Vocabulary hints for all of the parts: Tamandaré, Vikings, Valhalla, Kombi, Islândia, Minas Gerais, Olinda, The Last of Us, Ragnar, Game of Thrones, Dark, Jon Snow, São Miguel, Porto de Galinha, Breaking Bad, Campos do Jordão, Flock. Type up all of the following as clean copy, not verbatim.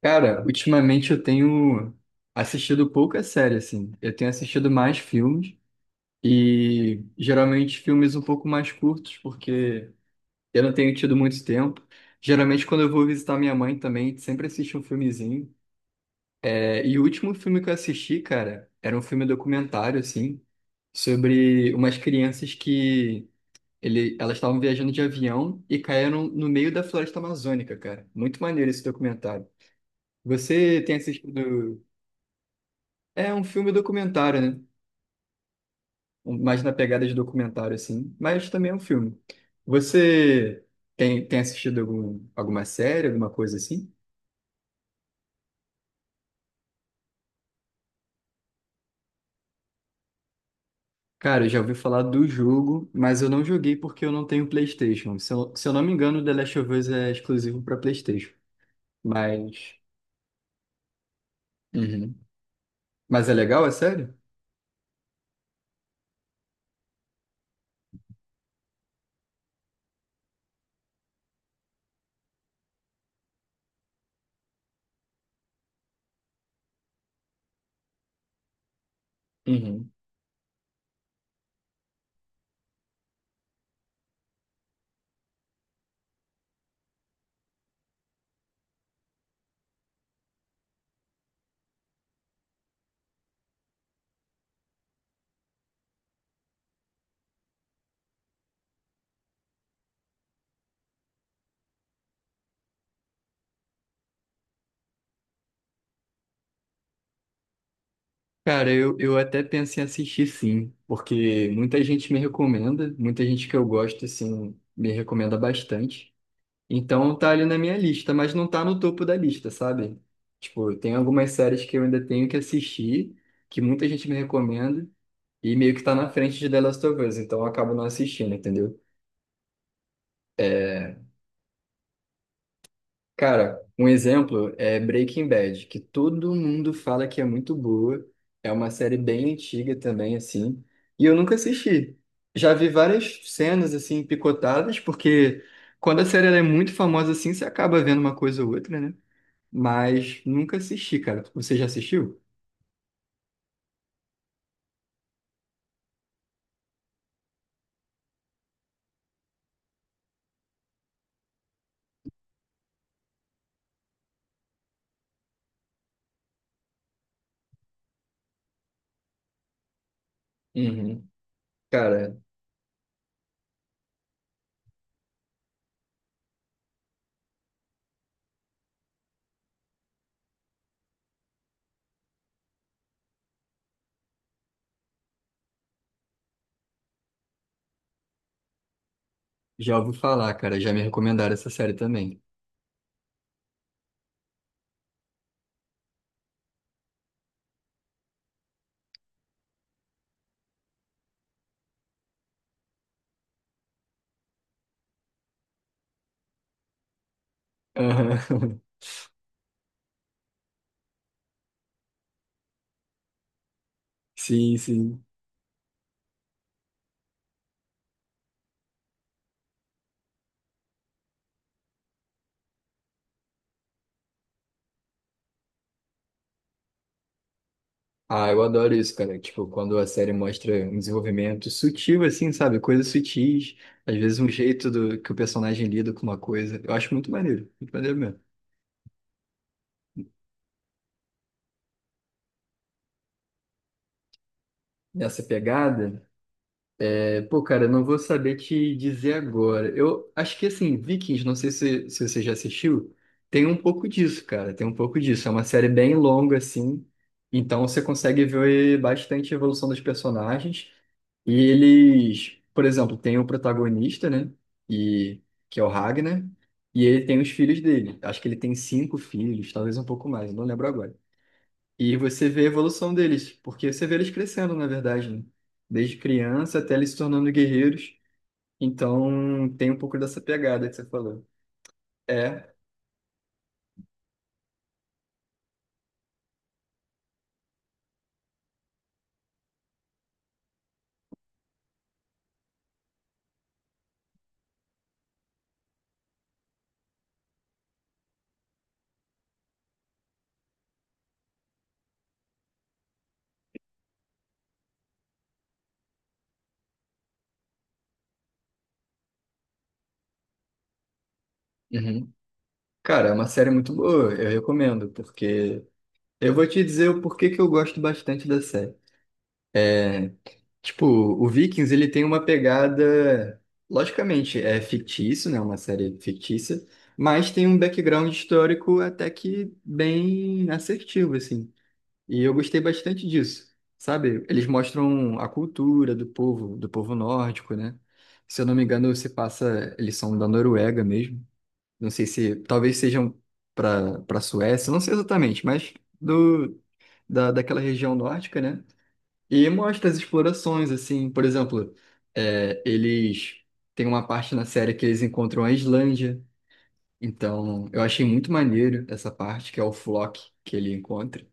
Cara, ultimamente eu tenho assistido pouca série, assim. Eu tenho assistido mais filmes e geralmente filmes um pouco mais curtos, porque eu não tenho tido muito tempo. Geralmente quando eu vou visitar minha mãe também, sempre assisto um filmezinho. É, e o último filme que eu assisti, cara, era um filme documentário, assim, sobre umas crianças que elas estavam viajando de avião e caíram no meio da floresta amazônica, cara. Muito maneiro esse documentário. Você tem assistido. É um filme documentário, né? Um- mais na pegada de documentário, assim. Mas também é um filme. Você tem assistido alguma série, alguma coisa assim? Cara, eu já ouvi falar do jogo, mas eu não joguei porque eu não tenho PlayStation. Se eu não me engano, The Last of Us é exclusivo para PlayStation. Mas. Uhum. Mas é legal, é sério? Uhum. Cara, eu até penso em assistir sim, porque muita gente me recomenda, muita gente que eu gosto, assim, me recomenda bastante. Então tá ali na minha lista, mas não tá no topo da lista, sabe? Tipo, tem algumas séries que eu ainda tenho que assistir, que muita gente me recomenda, e meio que tá na frente de The Last of Us, então eu acabo não assistindo, entendeu? É, cara, um exemplo é Breaking Bad, que todo mundo fala que é muito boa. É uma série bem antiga também, assim, e eu nunca assisti. Já vi várias cenas, assim, picotadas, porque quando a série ela é muito famosa, assim, você acaba vendo uma coisa ou outra, né? Mas nunca assisti, cara. Você já assistiu? Uhum. Cara, já ouvi falar, cara. Já me recomendaram essa série também. Aham. Sim, sim. Ah, eu adoro isso, cara. Tipo, quando a série mostra um desenvolvimento sutil, assim, sabe? Coisas sutis, às vezes um jeito do, que o personagem lida com uma coisa. Eu acho muito maneiro mesmo. Nessa pegada. É, pô, cara, não vou saber te dizer agora. Eu acho que, assim, Vikings, não sei se, se você já assistiu, tem um pouco disso, cara, tem um pouco disso. É uma série bem longa, assim, então você consegue ver bastante a evolução dos personagens. E eles, por exemplo, tem o protagonista, né? E que é o Ragnar, e ele tem os filhos dele. Acho que ele tem 5 filhos, talvez um pouco mais, não lembro agora. E você vê a evolução deles, porque você vê eles crescendo, na verdade, né? Desde criança até eles se tornando guerreiros. Então, tem um pouco dessa pegada que você falou. É, uhum. Cara, é uma série muito boa, eu recomendo, porque eu vou te dizer o porquê que eu gosto bastante da série. É, tipo, o Vikings, ele tem uma pegada, logicamente, é fictício, né? Uma série fictícia, mas tem um background histórico até que bem assertivo, assim. E eu gostei bastante disso, sabe? Eles mostram a cultura do povo nórdico, né? Se eu não me engano, se passa, eles são da Noruega mesmo. Não sei se, talvez sejam para para Suécia, não sei exatamente, mas do daquela região nórdica, né? E mostra as explorações, assim, por exemplo, eles tem uma parte na série que eles encontram a Islândia. Então, eu achei muito maneiro essa parte que é o Flock que ele encontra.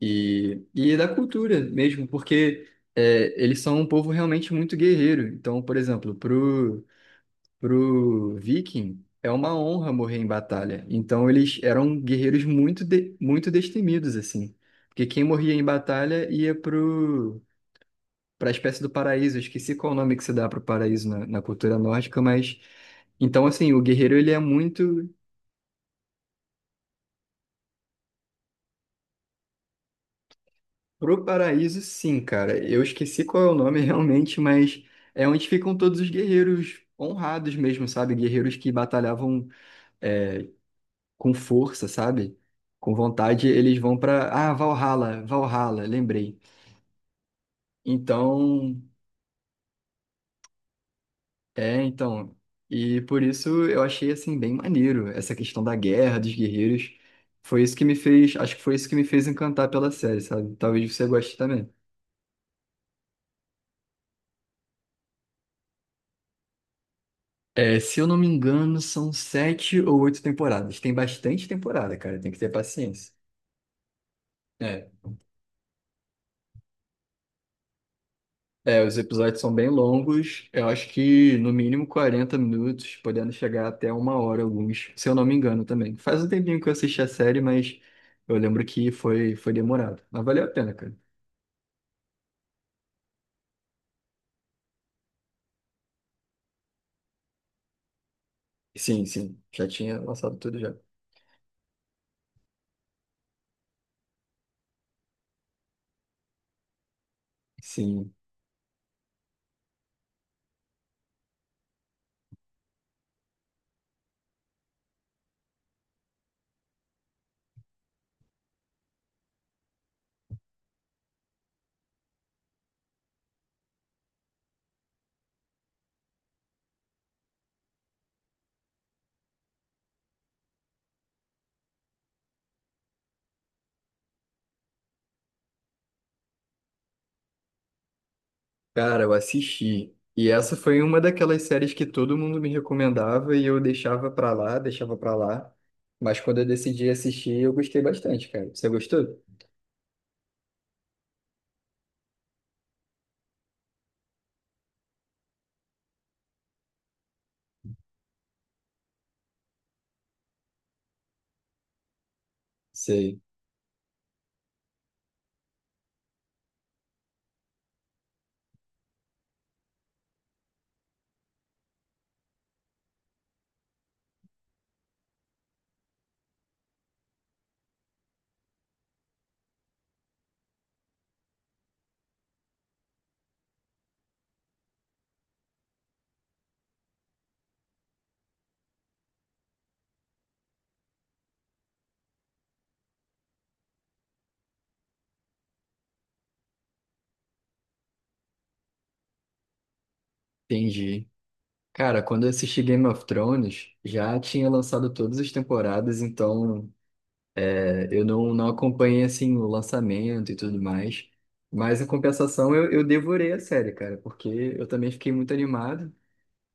E da cultura mesmo, porque eles são um povo realmente muito guerreiro. Então, por exemplo, pro viking é uma honra morrer em batalha. Então, eles eram guerreiros muito, de- muito destemidos, assim. Porque quem morria em batalha ia pro, pra espécie do paraíso. Eu esqueci qual o nome que se dá pro paraíso na, na cultura nórdica, mas... Então, assim, o guerreiro ele é muito. Pro paraíso, sim, cara. Eu esqueci qual é o nome realmente, mas é onde ficam todos os guerreiros honrados mesmo, sabe? Guerreiros que batalhavam é, com força, sabe? Com vontade, eles vão para. Ah, Valhalla, Valhalla, lembrei. Então, é, então. E por isso eu achei, assim, bem maneiro essa questão da guerra, dos guerreiros. Foi isso que me fez, acho que foi isso que me fez encantar pela série, sabe? Talvez você goste também. É, se eu não me engano, são 7 ou 8 temporadas. Tem bastante temporada, cara. Tem que ter paciência. É. É, os episódios são bem longos. Eu acho que no mínimo 40 minutos, podendo chegar até 1 hora alguns, se eu não me engano também. Faz um tempinho que eu assisti a série, mas eu lembro que foi, foi demorado. Mas valeu a pena, cara. Sim, sim. Já tinha lançado tudo já. Sim. Cara, eu assisti. E essa foi uma daquelas séries que todo mundo me recomendava e eu deixava pra lá, deixava pra lá. Mas quando eu decidi assistir, eu gostei bastante, cara. Você gostou? Sei, entendi. Cara, quando eu assisti Game of Thrones, já tinha lançado todas as temporadas, então eu não, não acompanhei assim o lançamento e tudo mais. Mas em compensação, eu devorei a série, cara, porque eu também fiquei muito animado.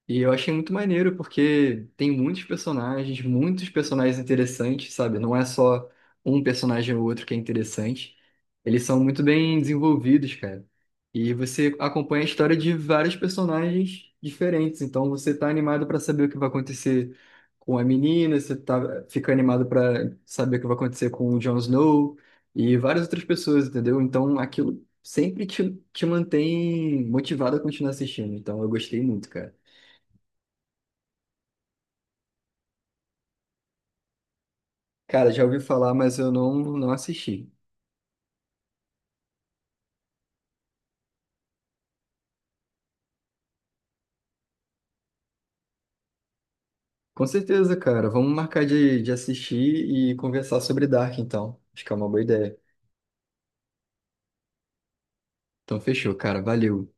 E eu achei muito maneiro, porque tem muitos personagens interessantes, sabe? Não é só um personagem ou outro que é interessante. Eles são muito bem desenvolvidos, cara. E você acompanha a história de vários personagens diferentes. Então você tá animado para saber o que vai acontecer com a menina, você tá, fica animado para saber o que vai acontecer com o Jon Snow e várias outras pessoas, entendeu? Então aquilo sempre te, te mantém motivado a continuar assistindo. Então eu gostei muito, cara. Cara, já ouvi falar, mas eu não, não assisti. Com certeza, cara. Vamos marcar de assistir e conversar sobre Dark, então. Acho que é uma boa ideia. Então, fechou, cara. Valeu.